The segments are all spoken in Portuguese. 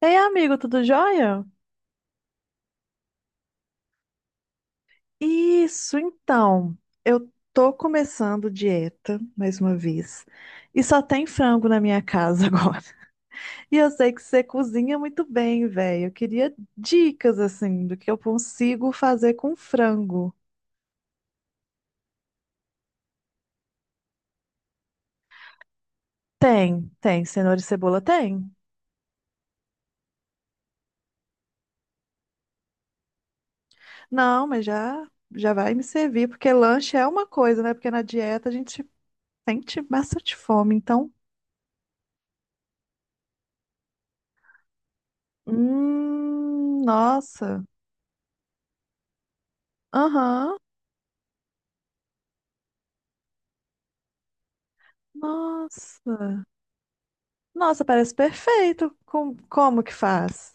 Ei, amigo, tudo jóia? Isso, então. Eu tô começando dieta, mais uma vez, e só tem frango na minha casa agora. E eu sei que você cozinha muito bem, velho. Eu queria dicas, assim, do que eu consigo fazer com frango. Tem, tem. Cenoura e cebola tem? Não, mas já vai me servir, porque lanche é uma coisa, né? Porque na dieta a gente sente bastante fome, então. Nossa. Aham. Nossa. Nossa, parece perfeito. Como que faz?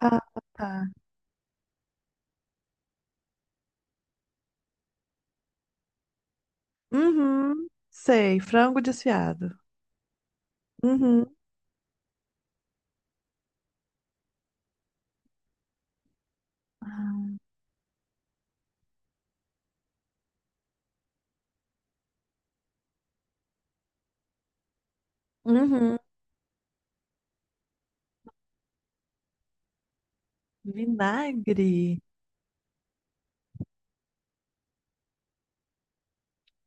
Ah, tá. Uhum. Sei, frango desfiado. Uhum. Uhum. Vinagre.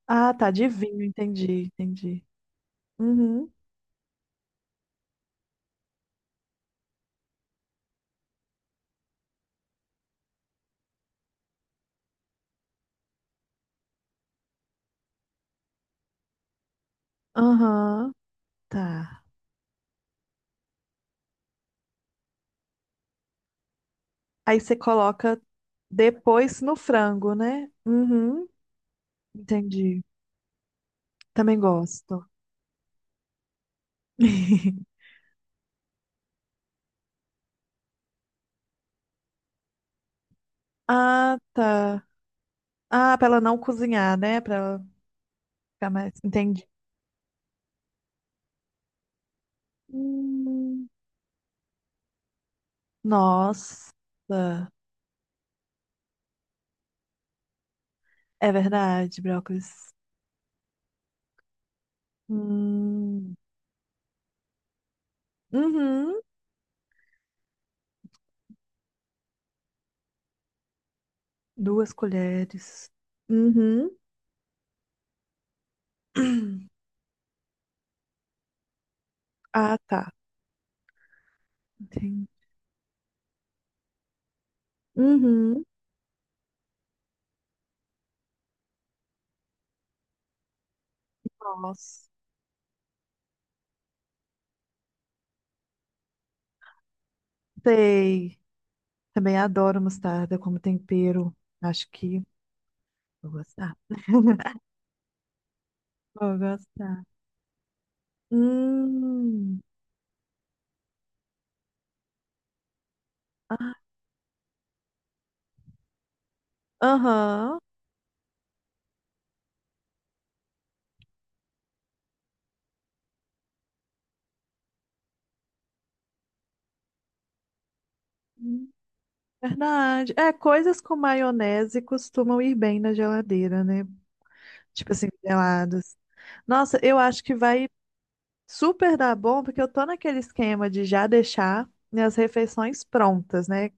Ah, tá, de vinho, entendi. Uhum. Aham, tá. Aí você coloca depois no frango, né? Uhum. Entendi. Também gosto. Ah, tá. Ah, pra ela não cozinhar, né? Pra ela ficar mais. Entendi. Hum, Nossa, é verdade, brócolis. Hum. Uhum. Duas colheres. Uhum. Ah, tá. Entendi. Uhum. Nossa. Sei. Também adoro mostarda como tempero. Acho que vou gostar. Vou gostar. Hum. Aham. Hum, verdade. É, coisas com maionese costumam ir bem na geladeira, né? Tipo assim, gelados. Nossa, eu acho que vai super dá bom, porque eu tô naquele esquema de já deixar minhas refeições prontas, né?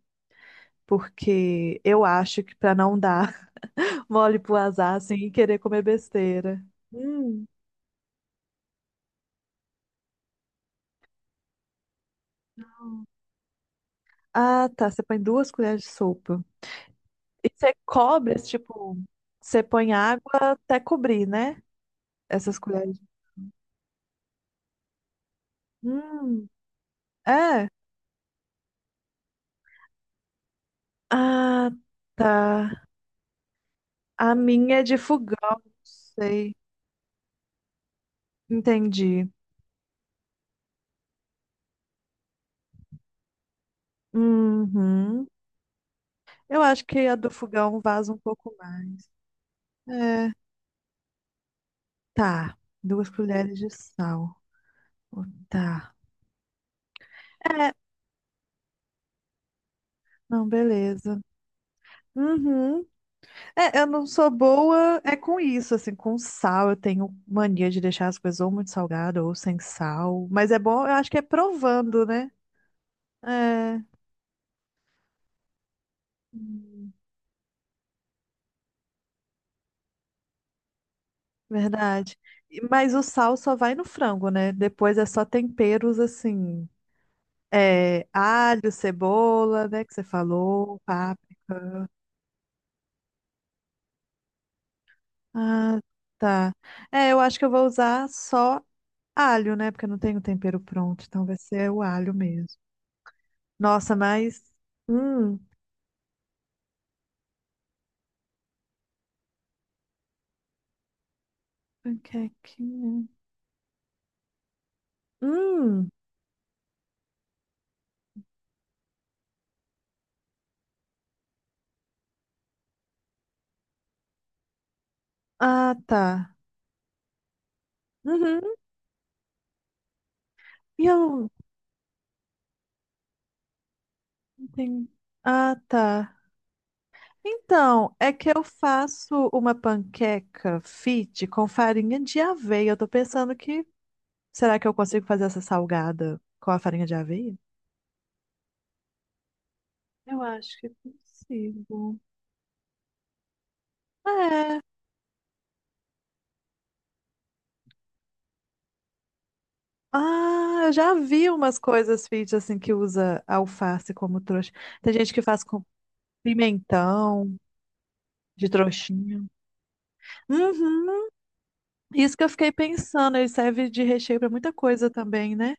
Porque eu acho que pra não dar mole pro azar, assim, e querer comer besteira. Hum. Ah, tá. Você põe duas colheres de sopa. E você cobre, tipo, você põe água até cobrir, né? Essas colheres. Hum, é. Ah, tá. A minha é de fogão, não sei. Entendi. Uhum. Eu acho que a do fogão vaza um pouco mais. É, tá. Duas colheres de sal. Oh, tá. É, não, beleza. Uhum. É, eu não sou boa é com isso, assim, com sal. Eu tenho mania de deixar as coisas ou muito salgada ou sem sal. Mas é bom, eu acho que é provando, né? É, hum, verdade. E- mas o sal só vai no frango, né? Depois é só temperos assim. É, alho, cebola, né? Que você falou, ah, tá. É, eu acho que eu vou usar só alho, né? Porque eu não tenho tempero pronto, então vai ser o alho mesmo. Nossa, mas. Hum, panquequinha. Hum, ah, tá. Uhum. E eu não tenho. Ah, tá. Então, é que eu faço uma panqueca fit com farinha de aveia. Eu tô pensando que. Será que eu consigo fazer essa salgada com a farinha de aveia? Eu acho que consigo. É. Ah, eu já vi umas coisas fit assim que usa alface como trouxa. Tem gente que faz com pimentão de trouxinha. Uhum, isso que eu fiquei pensando, ele serve de recheio pra muita coisa também, né?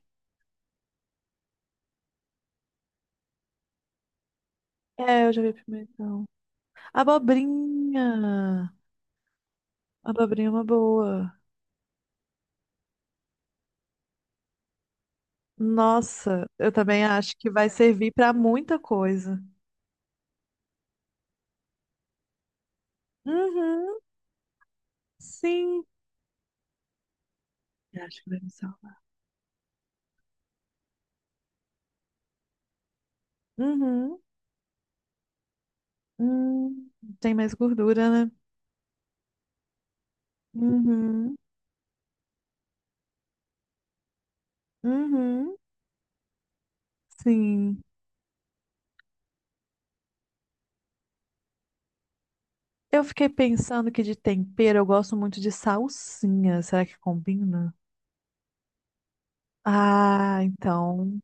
É, eu já vi pimentão. Abobrinha. Abobrinha é uma boa. Nossa, eu também acho que vai servir pra muita coisa. Uhum, sim. Eu acho que vai no sal. Uhum. Hum, tem mais gordura, né? Uhum. Uhum, sim. Eu fiquei pensando que de tempero eu gosto muito de salsinha. Será que combina? Ah, então.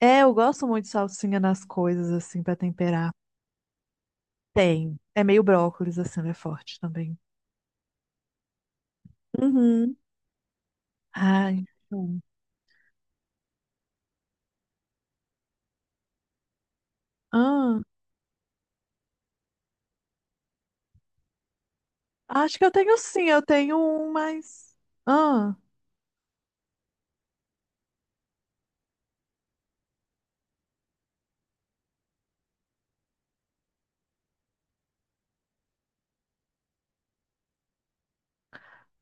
É, eu gosto muito de salsinha nas coisas, assim, pra temperar. Tem. É meio brócolis, assim, ela é forte também. Uhum. Ai, bom. Ah, acho que eu tenho sim, eu tenho um, mas. Ah,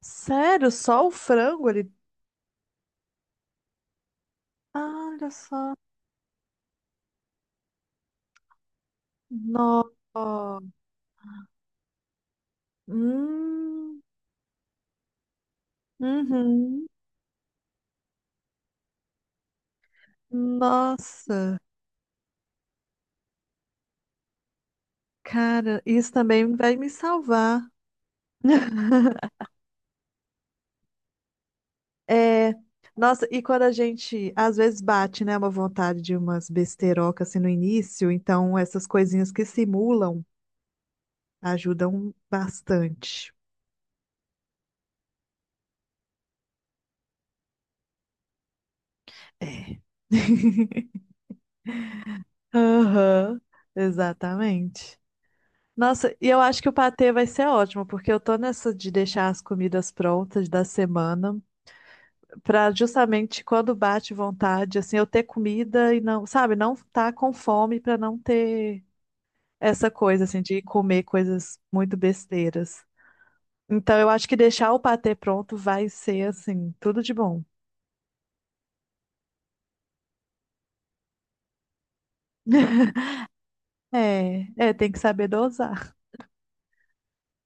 sério? Só o frango ali? Ah, olha só. Nossa. Hum, uhum. Nossa, cara, isso também vai me salvar. É, nossa, e quando a gente às vezes bate, né, uma vontade de umas besterocas assim no início, então essas coisinhas que simulam ajudam bastante. É. Aham, exatamente. Nossa, e eu acho que o patê vai ser ótimo, porque eu tô nessa de deixar as comidas prontas da semana. Pra justamente quando bate vontade, assim, eu ter comida e não, sabe, não tá com fome pra não ter essa coisa, assim, de comer coisas muito besteiras. Então, eu acho que deixar o patê pronto vai ser, assim, tudo de bom. É, é, tem que saber dosar.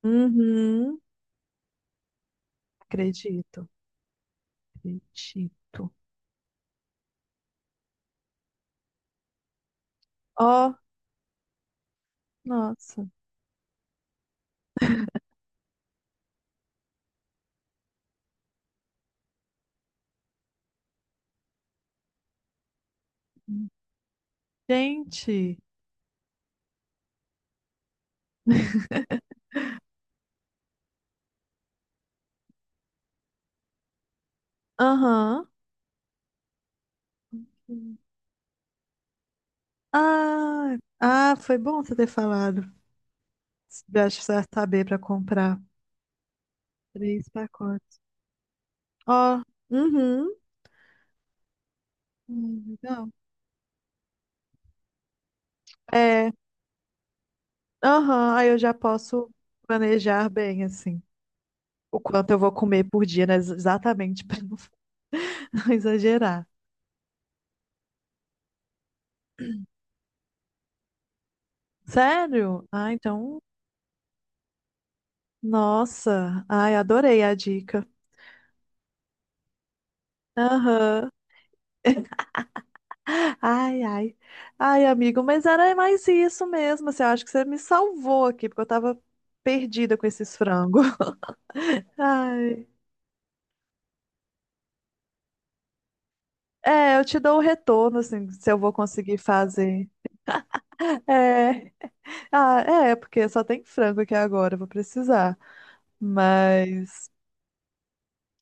Uhum, acredito, acredito. Ó, nossa. Gente, aham. Ah, ah, foi bom você ter falado. Acho que você vai saber pra comprar. Três pacotes. Ó, uhum. Legal. É, aham, aí eu já posso planejar bem, assim, o quanto eu vou comer por dia, né? Exatamente, para não exagerar. Sério? Ah, então, nossa, ai, adorei a dica. Aham. Ai, ai. Ai, amigo, mas era mais isso mesmo, assim, eu acho que você me salvou aqui, porque eu tava perdida com esses frangos. Ai. É, eu te dou o retorno, assim, se eu vou conseguir fazer. É. Ah, é, porque só tem frango aqui agora, eu vou precisar. Mas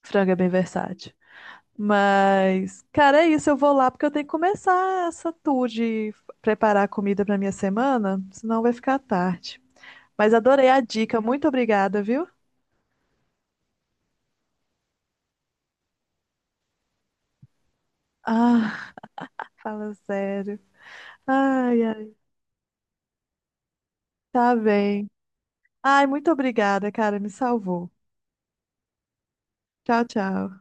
frango é bem versátil. Mas, cara, é isso, eu vou lá porque eu tenho que começar essa tour de preparar comida pra minha semana, senão vai ficar tarde. Mas adorei a dica, muito obrigada, viu? Ah, fala sério. Ai, ai, tá bem. Ai, muito obrigada, cara, me salvou. Tchau, tchau.